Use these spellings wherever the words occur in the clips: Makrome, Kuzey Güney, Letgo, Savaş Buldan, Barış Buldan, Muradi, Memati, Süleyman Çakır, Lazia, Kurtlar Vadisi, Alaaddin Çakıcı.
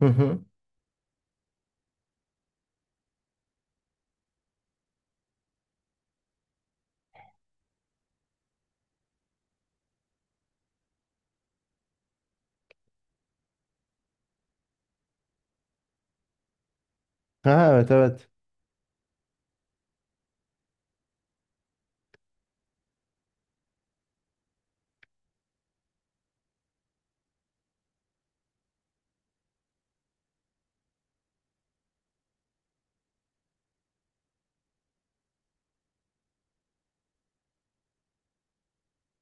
Hı hı. Ha, evet evet.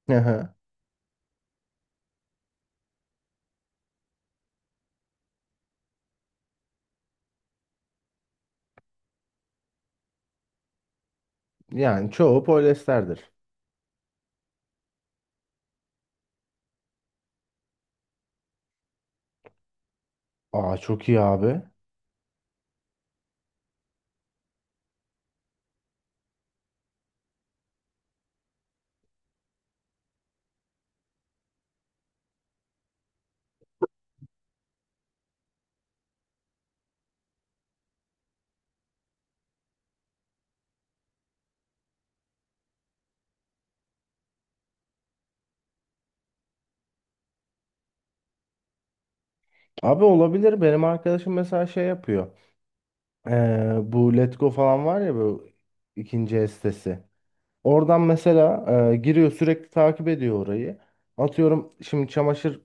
Hı hı. Yani çoğu polyester. Aa, çok iyi abi. Abi olabilir. Benim arkadaşım mesela şey yapıyor. Bu Letgo falan var ya, bu ikinci el sitesi. Oradan mesela giriyor, sürekli takip ediyor orayı. Atıyorum, şimdi çamaşır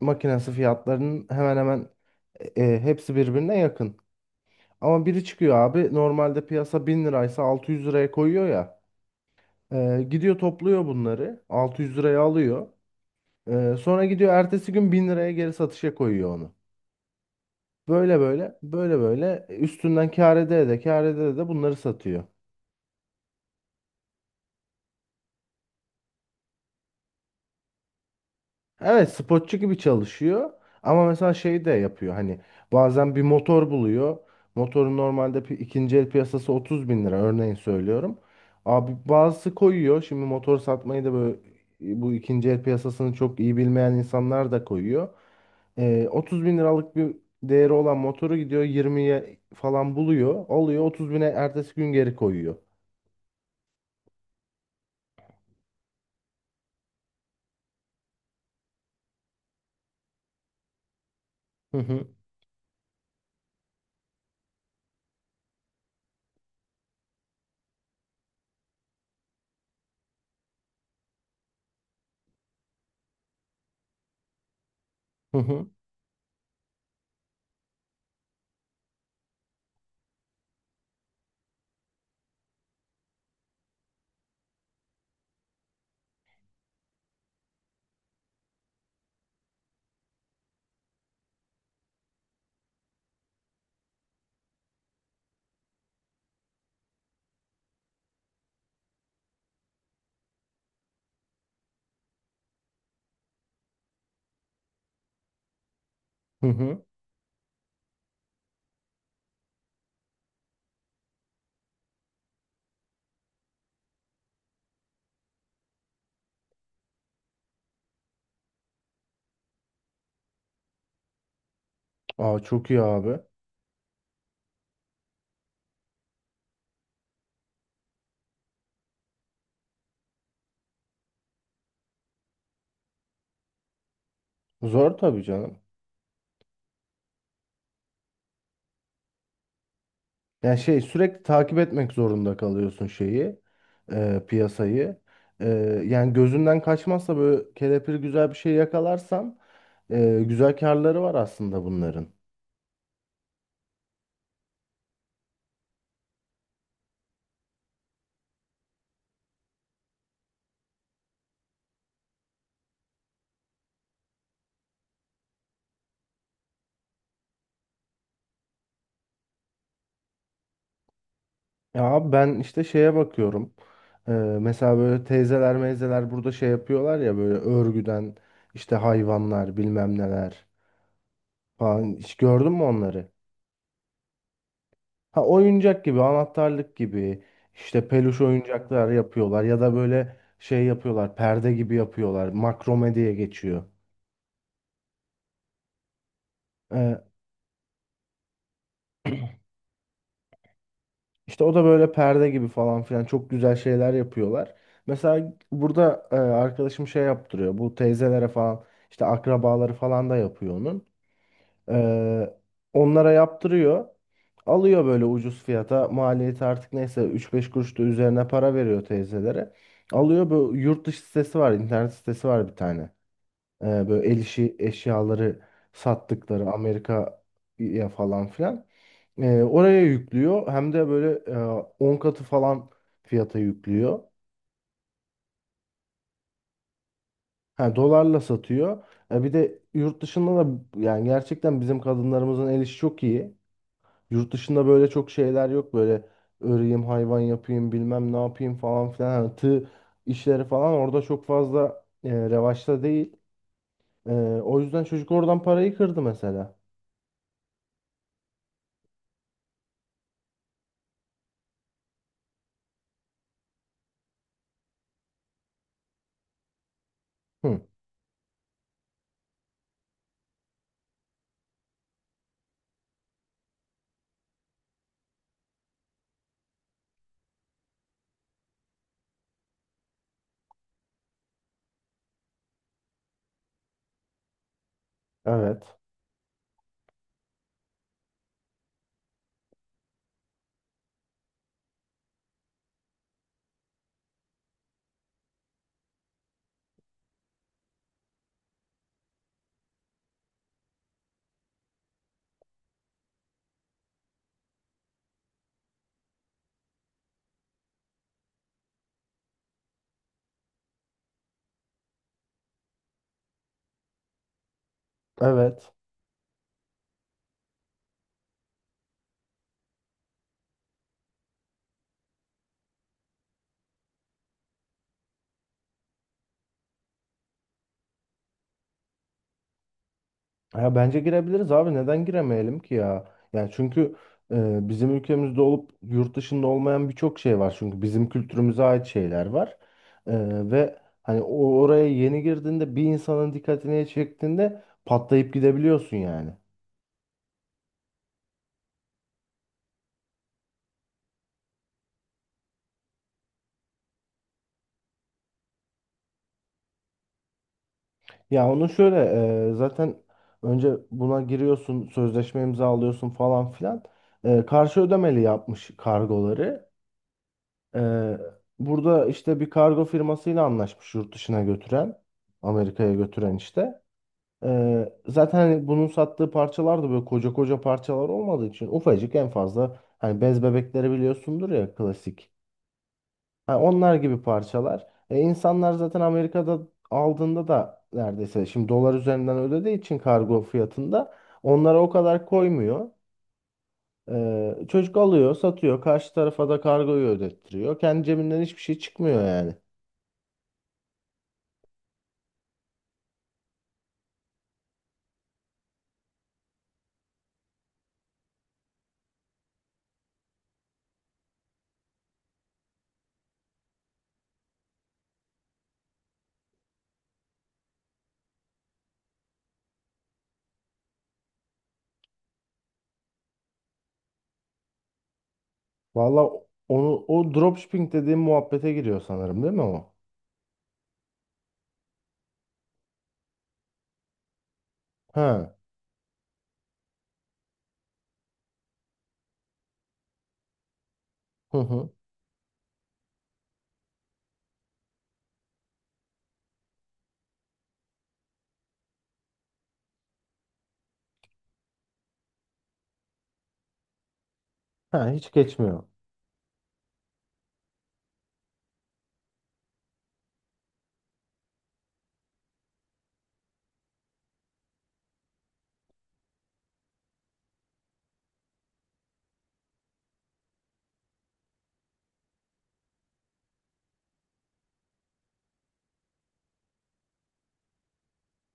makinesi fiyatlarının hemen hemen hepsi birbirine yakın. Ama biri çıkıyor abi, normalde piyasa 1.000 liraysa 600 liraya koyuyor ya. Gidiyor topluyor bunları. 600 liraya alıyor. Sonra gidiyor ertesi gün 1.000 liraya geri satışa koyuyor onu. Böyle böyle böyle böyle üstünden kâr ede de kâr ede de bunları satıyor. Evet, spotçu gibi çalışıyor ama mesela şey de yapıyor, hani bazen bir motor buluyor. Motorun normalde ikinci el piyasası 30 bin lira, örneğin söylüyorum. Abi bazısı koyuyor şimdi motor satmayı da böyle, bu ikinci el piyasasını çok iyi bilmeyen insanlar da koyuyor. 30 bin liralık bir değeri olan motoru gidiyor 20'ye falan buluyor, alıyor, 30 bine ertesi gün geri koyuyor. Hı hı hı hı hı. Hı. Aa, çok iyi abi. Zor tabii canım. Yani şey, sürekli takip etmek zorunda kalıyorsun şeyi, piyasayı. E, Yani gözünden kaçmazsa, böyle kelepir güzel bir şey yakalarsan güzel karları var aslında bunların. Ya abi, ben işte şeye bakıyorum. Mesela böyle teyzeler meyzeler burada şey yapıyorlar ya, böyle örgüden işte hayvanlar bilmem neler falan. Hiç gördün mü onları? Ha, oyuncak gibi, anahtarlık gibi, işte peluş oyuncaklar yapıyorlar, ya da böyle şey yapıyorlar, perde gibi yapıyorlar. Makrome diye geçiyor. Ee, işte o da böyle perde gibi falan filan, çok güzel şeyler yapıyorlar. Mesela burada arkadaşım şey yaptırıyor. Bu teyzelere falan, işte akrabaları falan da yapıyor onun. Ee, Onlara yaptırıyor. Alıyor böyle ucuz fiyata. Maliyeti artık neyse, üç beş kuruş da üzerine para veriyor teyzelere. Alıyor, böyle yurt dışı sitesi var, internet sitesi var bir tane. Böyle el işi eşyaları sattıkları Amerika'ya falan filan. Oraya yüklüyor. Hem de böyle 10 katı falan fiyata yüklüyor. Ha, dolarla satıyor. Bir de yurt dışında da, yani gerçekten bizim kadınlarımızın el işi çok iyi. Yurt dışında böyle çok şeyler yok, böyle öreyim, hayvan yapayım, bilmem ne yapayım falan filan, hani tığ işleri falan orada çok fazla revaçta değil. E, O yüzden çocuk oradan parayı kırdı mesela. Hı, evet. Evet. Ya bence girebiliriz abi, neden giremeyelim ki ya? Yani çünkü bizim ülkemizde olup yurt dışında olmayan birçok şey var. Çünkü bizim kültürümüze ait şeyler var. E, Ve hani o oraya yeni girdiğinde, bir insanın dikkatini çektiğinde patlayıp gidebiliyorsun yani. Ya onu şöyle, zaten önce buna giriyorsun, sözleşme imzalıyorsun falan filan. Karşı ödemeli yapmış kargoları. E, Burada işte bir kargo firmasıyla anlaşmış yurt dışına götüren, Amerika'ya götüren işte. Zaten hani bunun sattığı parçalar da böyle koca koca parçalar olmadığı için, ufacık en fazla, hani bez bebekleri biliyorsundur ya, klasik. Ha, onlar gibi parçalar. İnsanlar zaten Amerika'da aldığında da neredeyse, şimdi dolar üzerinden ödediği için kargo fiyatında onlara o kadar koymuyor. Çocuk alıyor, satıyor. Karşı tarafa da kargoyu ödettiriyor. Kendi cebinden hiçbir şey çıkmıyor yani. Valla, onu o dropshipping dediğim muhabbete giriyor sanırım, değil mi o? Ha. Hı hı. Ha, hiç geçmiyor.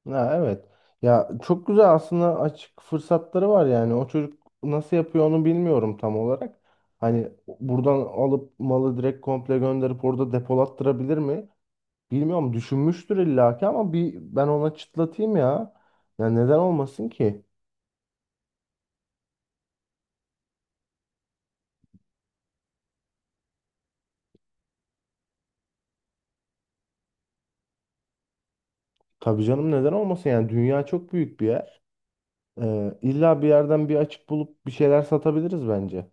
Ha, evet. Ya çok güzel aslında, açık fırsatları var yani. O çocuk nasıl yapıyor onu bilmiyorum tam olarak. Hani buradan alıp malı direkt komple gönderip orada depolattırabilir mi? Bilmiyorum, düşünmüştür illaki, ama bir ben ona çıtlatayım ya. Ya neden olmasın ki? Tabii canım, neden olmasın, yani dünya çok büyük bir yer. İlla bir yerden bir açık bulup bir şeyler satabiliriz bence.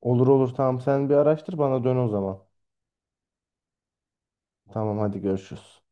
Olur olur, tamam, sen bir araştır bana dön o zaman. Tamam, hadi görüşürüz.